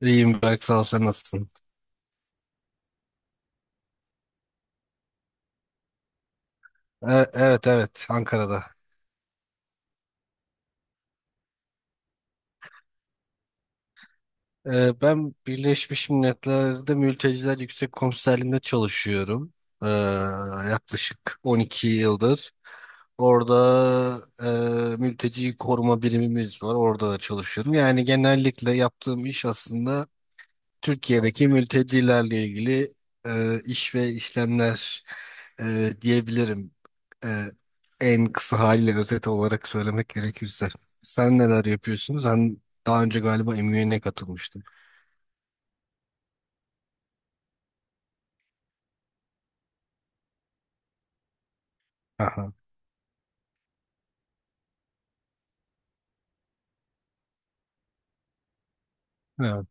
İyiyim Berk sağ ol sen nasılsın? Evet evet, Ankara'da. Ben Birleşmiş Milletler'de Mülteciler Yüksek Komiserliği'nde çalışıyorum. E, Yaklaşık 12 yıldır. Orada mülteci koruma birimimiz var. Orada da çalışıyorum. Yani genellikle yaptığım iş aslında Türkiye'deki mültecilerle ilgili iş ve işlemler diyebilirim. E, En kısa haliyle özet olarak söylemek gerekirse. Sen neler yapıyorsun? Sen daha önce galiba MUN'e katılmıştın. Aha. Evet.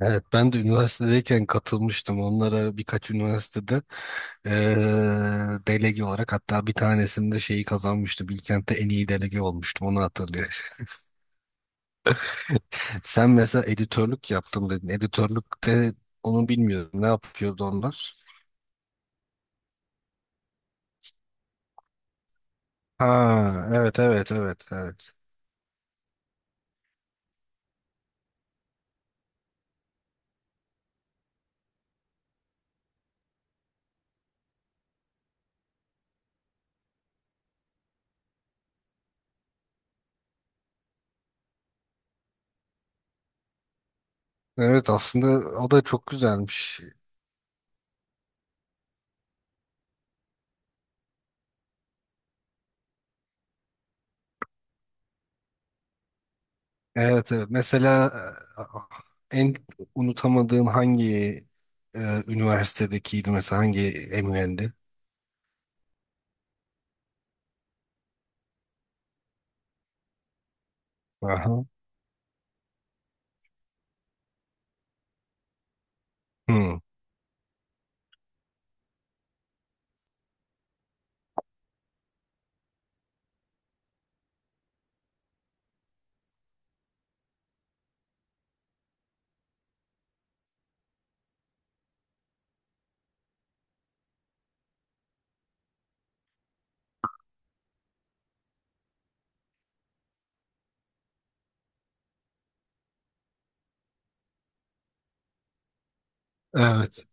Evet, ben de üniversitedeyken katılmıştım. Onlara birkaç üniversitede e, delege olarak, hatta bir tanesinde şeyi kazanmıştım. Bilkent'te en iyi delege olmuştum. Onu hatırlıyorum. Sen mesela editörlük yaptım dedin. Editörlükte onu bilmiyorum. Ne yapıyordu onlar? Ha, evet evet evet evet. Evet, aslında o da çok güzelmiş. Evet evet. Mesela en unutamadığın hangi üniversitedekiydi, mesela hangi MUN'di? Aha. Hı, evet.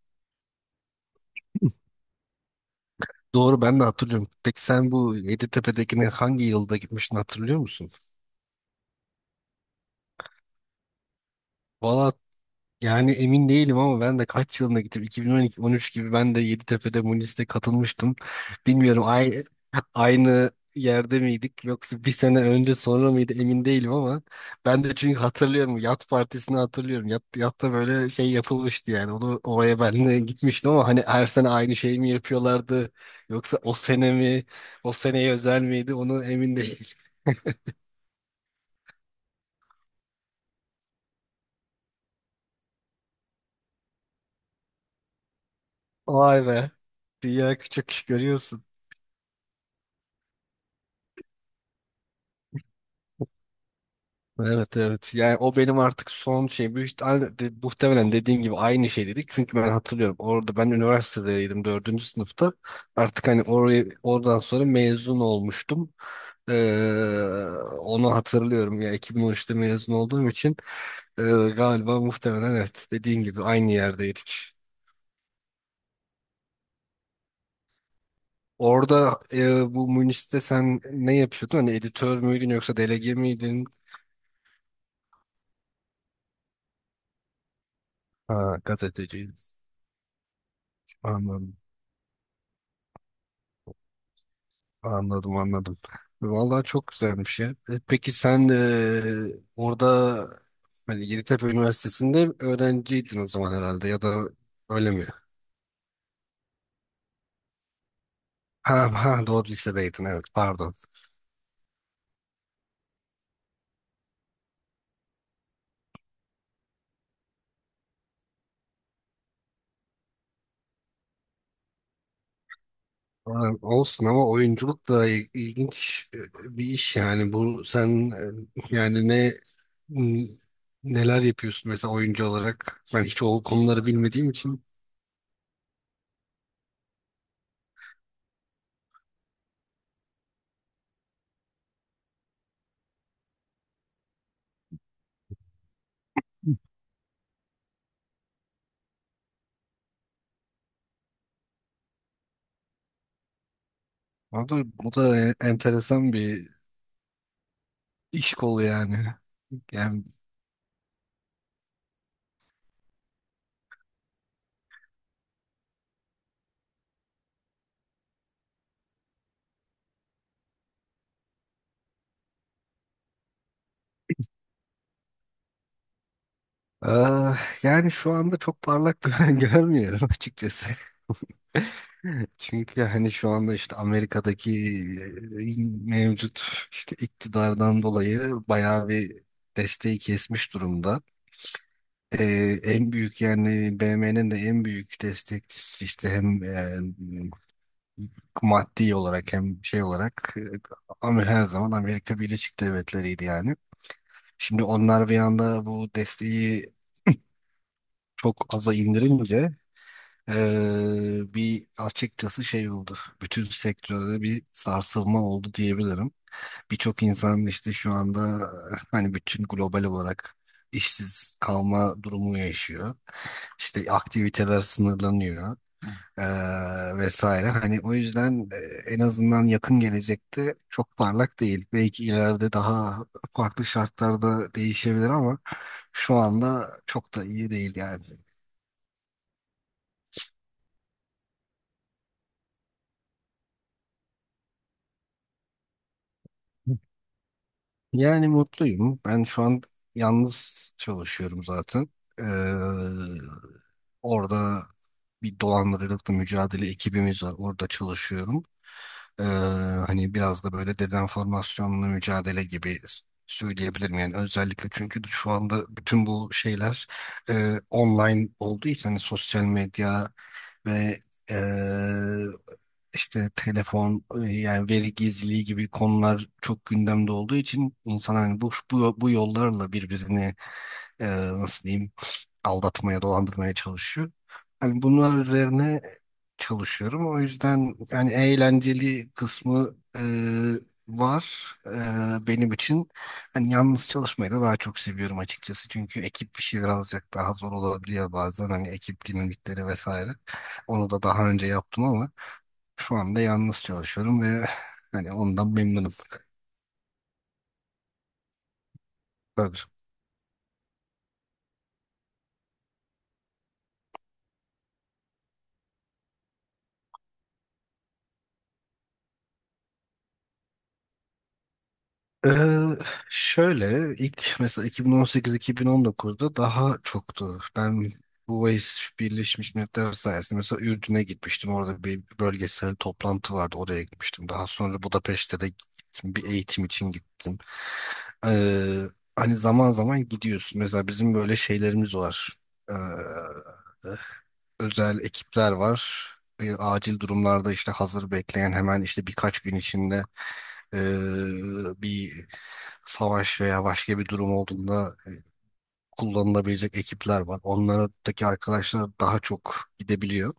Doğru, ben de hatırlıyorum. Peki sen bu Yeditepe'dekine hangi yılda gitmiştin, hatırlıyor musun? Valla, yani emin değilim ama ben de kaç yılına gittim, 2012-13 gibi, ben de Yeditepe'de Munis'te katılmıştım. Bilmiyorum aynı, aynı yerde miydik yoksa bir sene önce sonra mıydı emin değilim, ama ben de çünkü hatırlıyorum Yat Partisi'ni hatırlıyorum. Yat, Yat'ta böyle şey yapılmıştı, yani onu oraya ben de gitmiştim ama hani her sene aynı şey mi yapıyorlardı yoksa o sene mi, o seneye özel miydi onu emin değilim. Vay be, dünya küçük görüyorsun. Evet evet, yani o benim artık son şey, büyük muhtemelen dediğin gibi aynı şey dedik çünkü ben hatırlıyorum orada, ben üniversitedeydim dördüncü sınıfta, artık hani oraya, oradan sonra mezun olmuştum. Ee, Onu hatırlıyorum ya, 2013'te mezun olduğum için e, galiba muhtemelen evet, dediğin gibi aynı yerdeydik. Orada bu Münih'te sen ne yapıyordun? Hani editör müydün yoksa delege miydin? Ha, gazeteciydin. Anladım. Anladım anladım. Vallahi çok güzelmiş ya. Peki sen orada hani Yeditepe Üniversitesi'nde öğrenciydin o zaman herhalde, ya da öyle mi? Ha, ha doğru, lisedeydin, evet pardon. Ha, olsun ama oyunculuk da ilginç bir iş yani, bu sen yani ne n- neler yapıyorsun mesela oyuncu olarak, ben hiç o konuları bilmediğim için. Abi bu da enteresan bir iş kolu yani. Yani ah, yani şu anda çok parlak görmüyorum açıkçası. Çünkü hani şu anda işte Amerika'daki e, mevcut işte iktidardan dolayı bayağı bir desteği kesmiş durumda. Ee, En büyük yani BM'nin de en büyük destekçisi işte hem maddi olarak hem şey olarak ama her zaman Amerika Birleşik Devletleri'ydi yani. Şimdi onlar bir anda bu desteği çok aza indirince bir açıkçası şey oldu. Bütün sektörde bir sarsılma oldu diyebilirim. Birçok insan işte şu anda hani bütün global olarak işsiz kalma durumu yaşıyor. İşte aktiviteler sınırlanıyor, vesaire. Hani o yüzden en azından yakın gelecekte çok parlak değil. Belki ileride daha farklı şartlarda değişebilir ama şu anda çok da iyi değil yani. Yani mutluyum. Ben şu an yalnız çalışıyorum zaten. Ee, Orada bir dolandırıcılıkla mücadele ekibimiz var. Orada çalışıyorum. Ee, Hani biraz da böyle dezenformasyonla mücadele gibi söyleyebilirim yani, özellikle çünkü şu anda bütün bu şeyler online olduğu için, hani sosyal medya ve eee, işte telefon yani veri gizliliği gibi konular çok gündemde olduğu için insan hani bu bu yollarla birbirini eee, nasıl diyeyim, aldatmaya, dolandırmaya çalışıyor. Hani bunlar üzerine çalışıyorum. O yüzden yani eğlenceli kısmı var benim için. Hani yalnız çalışmayı da daha çok seviyorum açıkçası. Çünkü ekip bir şey birazcık daha zor olabiliyor bazen. Hani ekip dinamikleri vesaire. Onu da daha önce yaptım ama şu anda yalnız çalışıyorum ve hani ondan memnunum. Tabii. Ee, Şöyle ilk mesela 2018-2019'da daha çoktu. Ben bu VAIS Birleşmiş Milletler sayesinde mesela Ürdün'e gitmiştim. Orada bir bölgesel toplantı vardı. Oraya gitmiştim. Daha sonra Budapeşte de gittim. Bir eğitim için gittim. Ee, Hani zaman zaman gidiyorsun. Mesela bizim böyle şeylerimiz var. Ee, Özel ekipler var. Acil durumlarda işte hazır bekleyen hemen işte birkaç gün içinde e, bir savaş veya başka bir durum olduğunda kullanılabilecek ekipler var. Onlardaki arkadaşlar daha çok gidebiliyor.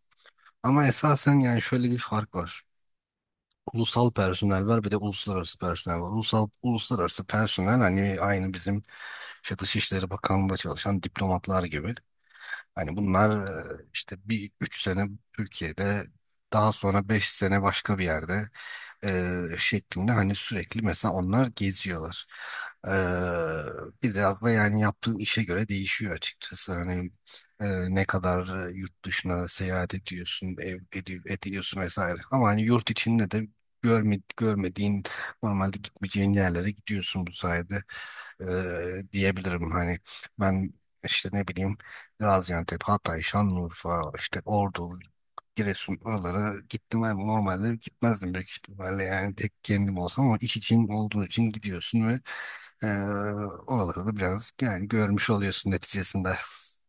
Ama esasen yani şöyle bir fark var. Ulusal personel var, bir de uluslararası personel var. Ulusal, uluslararası personel hani aynı bizim işte Dışişleri Bakanlığı'nda çalışan diplomatlar gibi. Hani bunlar işte bir üç sene Türkiye'de, daha sonra beş sene başka bir yerde e, şeklinde, hani sürekli mesela onlar geziyorlar. E, Biraz da yani yaptığın işe göre değişiyor açıkçası. Hani e, ne kadar yurt dışına seyahat ediyorsun, ediyorsun vesaire. Ama hani yurt içinde de görmediğin normalde gitmeyeceğin yerlere gidiyorsun bu sayede diyebilirim. Hani ben işte ne bileyim Gaziantep, Hatay, Şanlıurfa, işte Ordu, Giresun, oralara gittim abi. Normalde gitmezdim büyük ihtimalle. Yani tek kendim olsam, ama iş için olduğu için gidiyorsun ve eee oraları da biraz yani görmüş oluyorsun neticesinde.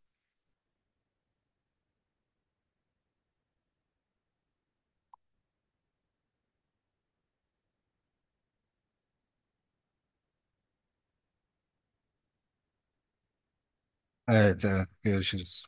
Evet, evet. Görüşürüz.